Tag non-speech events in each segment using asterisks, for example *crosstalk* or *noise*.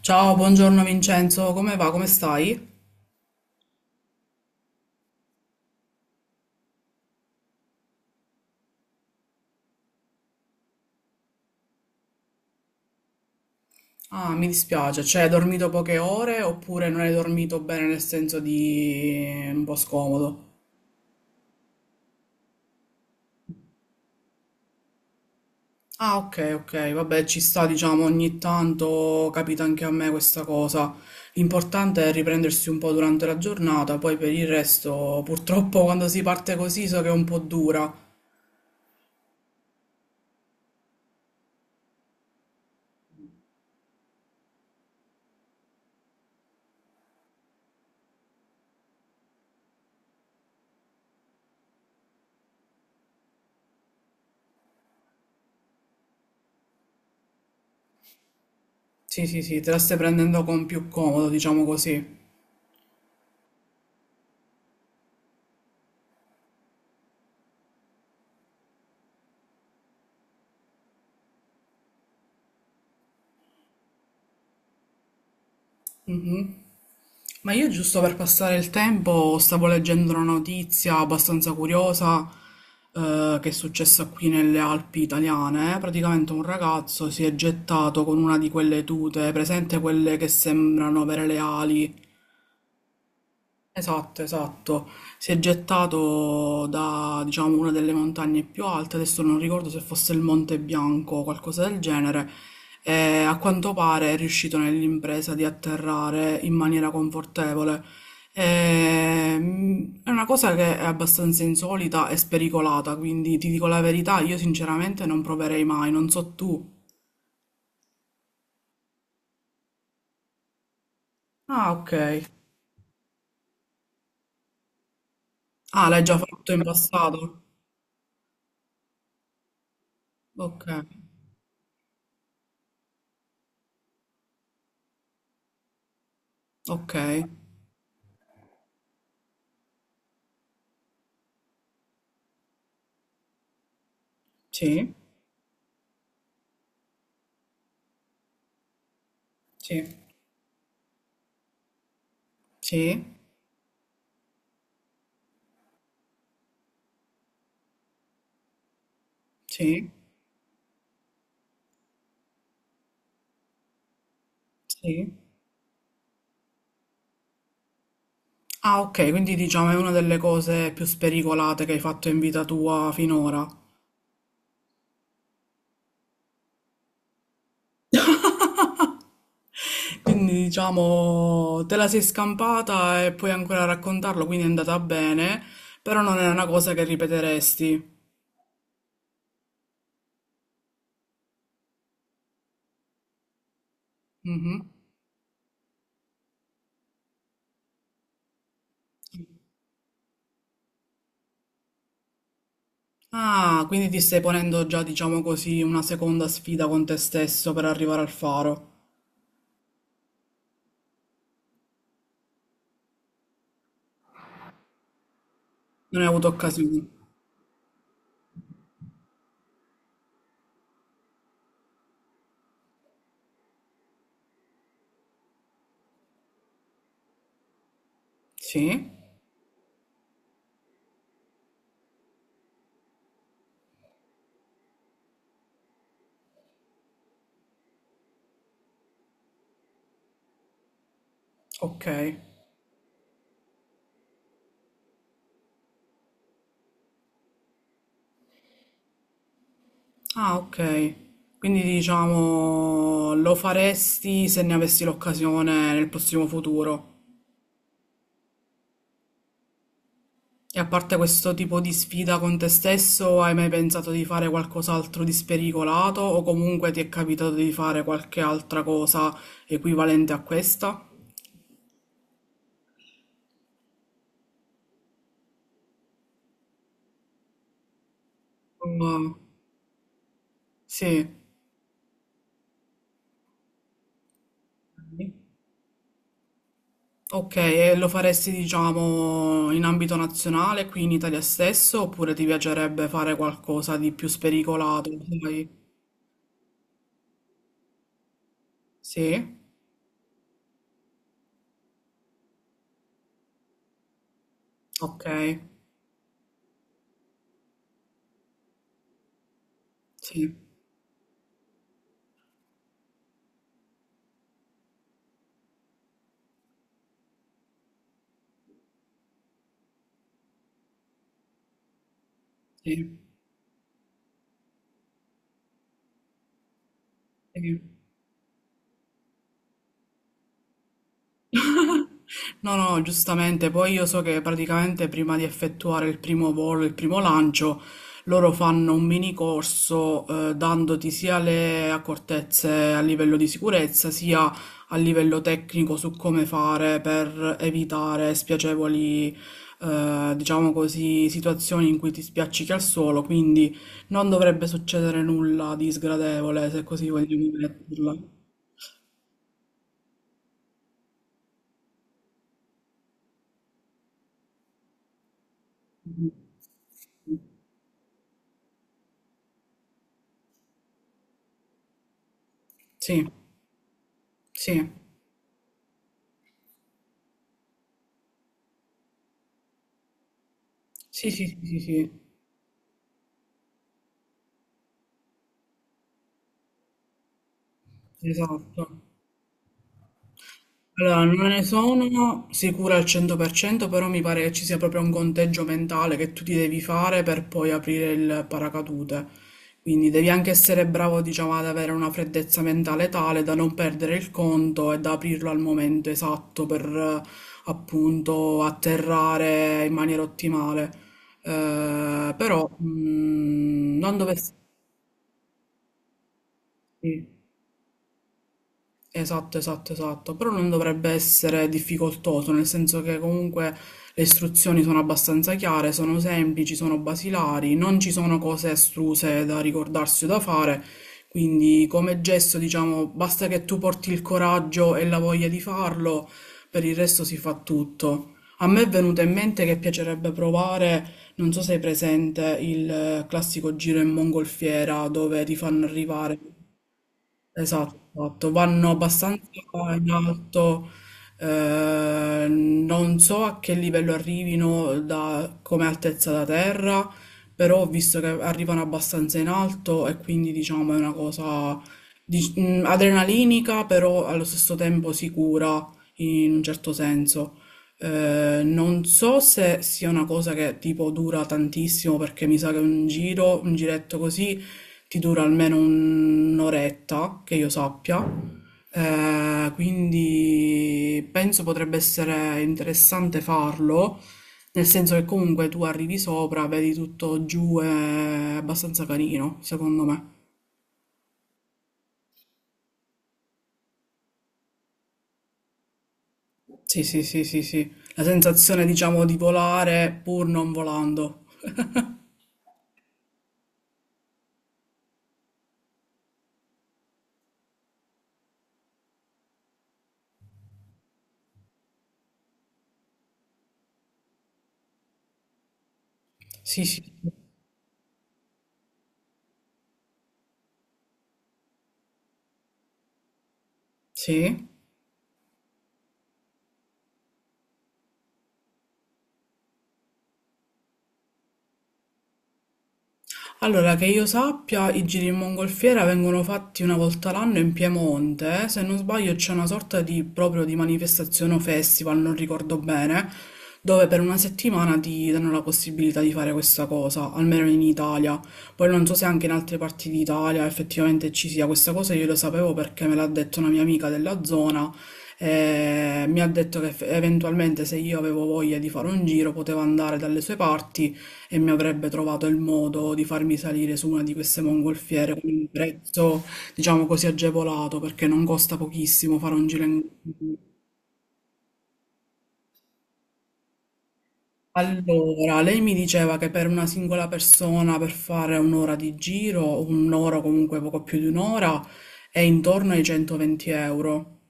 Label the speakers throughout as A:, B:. A: Ciao, buongiorno Vincenzo, come va? Come stai? Ah, mi dispiace, cioè hai dormito poche ore oppure non hai dormito bene nel senso di un po' scomodo? Ah, ok, ok, vabbè, ci sta, diciamo, ogni tanto capita anche a me questa cosa. L'importante è riprendersi un po' durante la giornata, poi per il resto, purtroppo quando si parte così so che è un po' dura. Sì, sì, sì, te la stai prendendo con più comodo, diciamo così. Ma io giusto per passare il tempo stavo leggendo una notizia abbastanza curiosa che è successa qui nelle Alpi italiane. Praticamente un ragazzo si è gettato con una di quelle tute, presente quelle che sembrano avere le ali. Esatto, esatto. Si è gettato da, diciamo, una delle montagne più alte, adesso non ricordo se fosse il Monte Bianco o qualcosa del genere, e a quanto pare è riuscito nell'impresa di atterrare in maniera confortevole. È una cosa che è abbastanza insolita e spericolata, quindi ti dico la verità, io sinceramente non proverei mai, non so tu. Ah, ok. Ah, l'hai già fatto in passato? Ok, ok. Sì, sì. Sì, sì, sì. Ah, ok, quindi diciamo è una delle cose più spericolate che hai fatto in vita tua finora. Quindi diciamo te la sei scampata e puoi ancora raccontarlo, quindi è andata bene, però non è una cosa che ripeteresti. Mhm. Ah, quindi ti stai ponendo già, diciamo così, una seconda sfida con te stesso per arrivare al faro. Non hai avuto occasione. Sì, ok. Ah, ok. Quindi diciamo lo faresti se ne avessi l'occasione nel prossimo futuro. E a parte questo tipo di sfida con te stesso, hai mai pensato di fare qualcos'altro di spericolato o comunque ti è capitato di fare qualche altra cosa equivalente a questa? Mm, sì. Ok, e lo faresti diciamo in ambito nazionale, qui in Italia stesso, oppure ti piacerebbe fare qualcosa di più spericolato? Sai? Sì. Okay, sì, sì, sì. No, no, giustamente. Poi io so che praticamente prima di effettuare il primo volo, il primo lancio, loro fanno un mini corso dandoti sia le accortezze a livello di sicurezza, sia a livello tecnico su come fare per evitare spiacevoli, diciamo così, situazioni in cui ti spiaccichi al suolo. Quindi non dovrebbe succedere nulla di sgradevole, se così vogliamo metterla. Mh. Mh. Sì, sì. Sì, sì, sì, sì, sì, esatto. Allora, non ne sono sicura al 100%, però mi pare che ci sia proprio un conteggio mentale che tu ti devi fare per poi aprire il paracadute. Quindi devi anche essere bravo, diciamo, ad avere una freddezza mentale tale da non perdere il conto e da aprirlo al momento esatto per appunto atterrare in maniera ottimale. Però non dovessi... Esatto, esatto, esatto, però non dovrebbe essere difficoltoso, nel senso che comunque le istruzioni sono abbastanza chiare, sono semplici, sono basilari, non ci sono cose estruse da ricordarsi o da fare, quindi come gesto, diciamo, basta che tu porti il coraggio e la voglia di farlo, per il resto si fa tutto. A me è venuto in mente che piacerebbe provare, non so se hai presente, il classico giro in mongolfiera dove ti fanno arrivare. Esatto, esatto. Vanno abbastanza in alto, non so a che livello arrivino come altezza da terra, però ho visto che arrivano abbastanza in alto e quindi diciamo è una cosa adrenalinica, però allo stesso tempo sicura in un certo senso. Non so se sia una cosa che tipo dura tantissimo perché mi sa che un giro, un giretto così che dura almeno un'oretta, che io sappia. Quindi penso potrebbe essere interessante farlo, nel senso che comunque tu arrivi sopra, vedi tutto giù, è abbastanza carino, secondo me. Sì, sì, sì, sì, sì. La sensazione, diciamo, di volare pur non volando. Sì, sì, sì. Sì? Allora, che io sappia, i giri in mongolfiera vengono fatti una volta l'anno in Piemonte. Eh. Se non sbaglio, c'è una sorta di proprio di manifestazione o festival, non ricordo bene, dove per una settimana ti danno la possibilità di fare questa cosa, almeno in Italia. Poi non so se anche in altre parti d'Italia effettivamente ci sia questa cosa, io lo sapevo perché me l'ha detto una mia amica della zona. E mi ha detto che eventualmente se io avevo voglia di fare un giro potevo andare dalle sue parti e mi avrebbe trovato il modo di farmi salire su una di queste mongolfiere con un prezzo, diciamo così, agevolato, perché non costa pochissimo fare un giro in... Allora, lei mi diceva che per una singola persona per fare un'ora di giro, un'ora o comunque poco più di un'ora, è intorno ai 120 euro.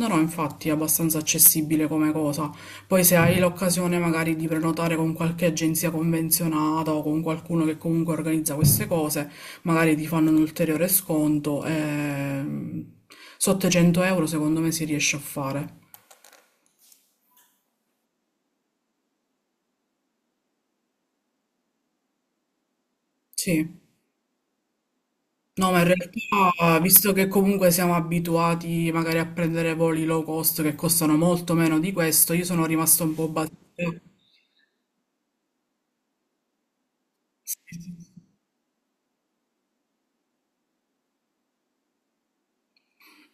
A: No, no, infatti è abbastanza accessibile come cosa. Poi se hai l'occasione magari di prenotare con qualche agenzia convenzionata o con qualcuno che comunque organizza queste cose, magari ti fanno un ulteriore sconto. Sotto i 100 euro secondo me si riesce a fare. Sì. No, ma in realtà, visto che comunque siamo abituati magari a prendere voli low cost che costano molto meno di questo, io sono rimasto un po' basito.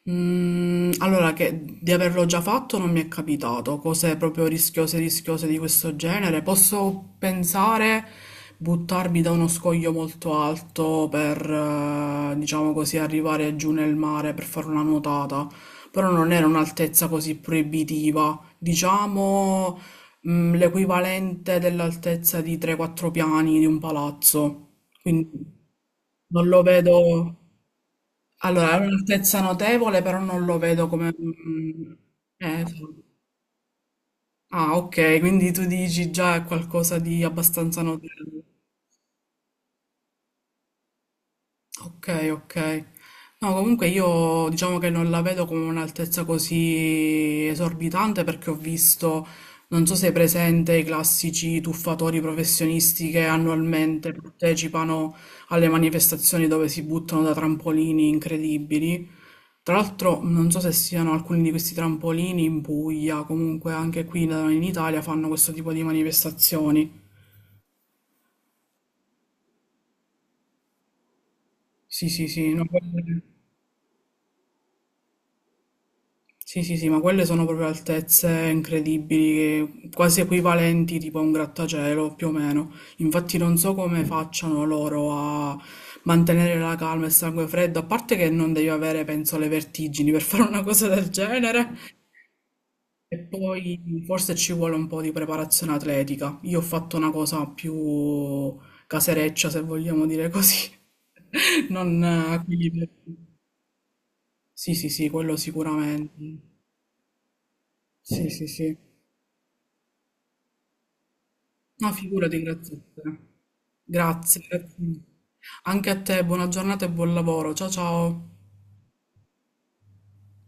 A: Mm, allora, che di averlo già fatto non mi è capitato, cose proprio rischiose, rischiose di questo genere. Posso pensare buttarmi da uno scoglio molto alto per, diciamo così, arrivare giù nel mare per fare una nuotata, però non era un'altezza così proibitiva, diciamo, mm, l'equivalente dell'altezza di 3-4 piani di un palazzo. Quindi non lo vedo. Allora, è un'altezza notevole, però non lo vedo come... mm, esatto. Ah, ok, quindi tu dici già è qualcosa di abbastanza notevole. Ok, ok. No, comunque io diciamo che non la vedo come un'altezza così esorbitante perché ho visto, non so se è presente, i classici tuffatori professionisti che annualmente partecipano alle manifestazioni dove si buttano da trampolini incredibili. Tra l'altro non so se siano alcuni di questi trampolini in Puglia, comunque anche qui da noi in Italia fanno questo tipo di manifestazioni. Sì, sì, sì, no, quelle- sì, sì, sì, ma quelle sono proprio altezze incredibili, che- quasi equivalenti tipo a un grattacielo, più o meno. Infatti non so come facciano loro a mantenere la calma e il sangue freddo, a parte che non devi avere, penso, le vertigini per fare una cosa del genere. E poi forse ci vuole un po' di preparazione atletica. Io ho fatto una cosa più casereccia, se vogliamo dire così. *laughs* Non quelli per- sì, sì, sì, quello sicuramente. Sì, sì, sì. No, figurati, grazie a te. Grazie, grazie. Anche a te, buona giornata e buon lavoro. Ciao, ciao.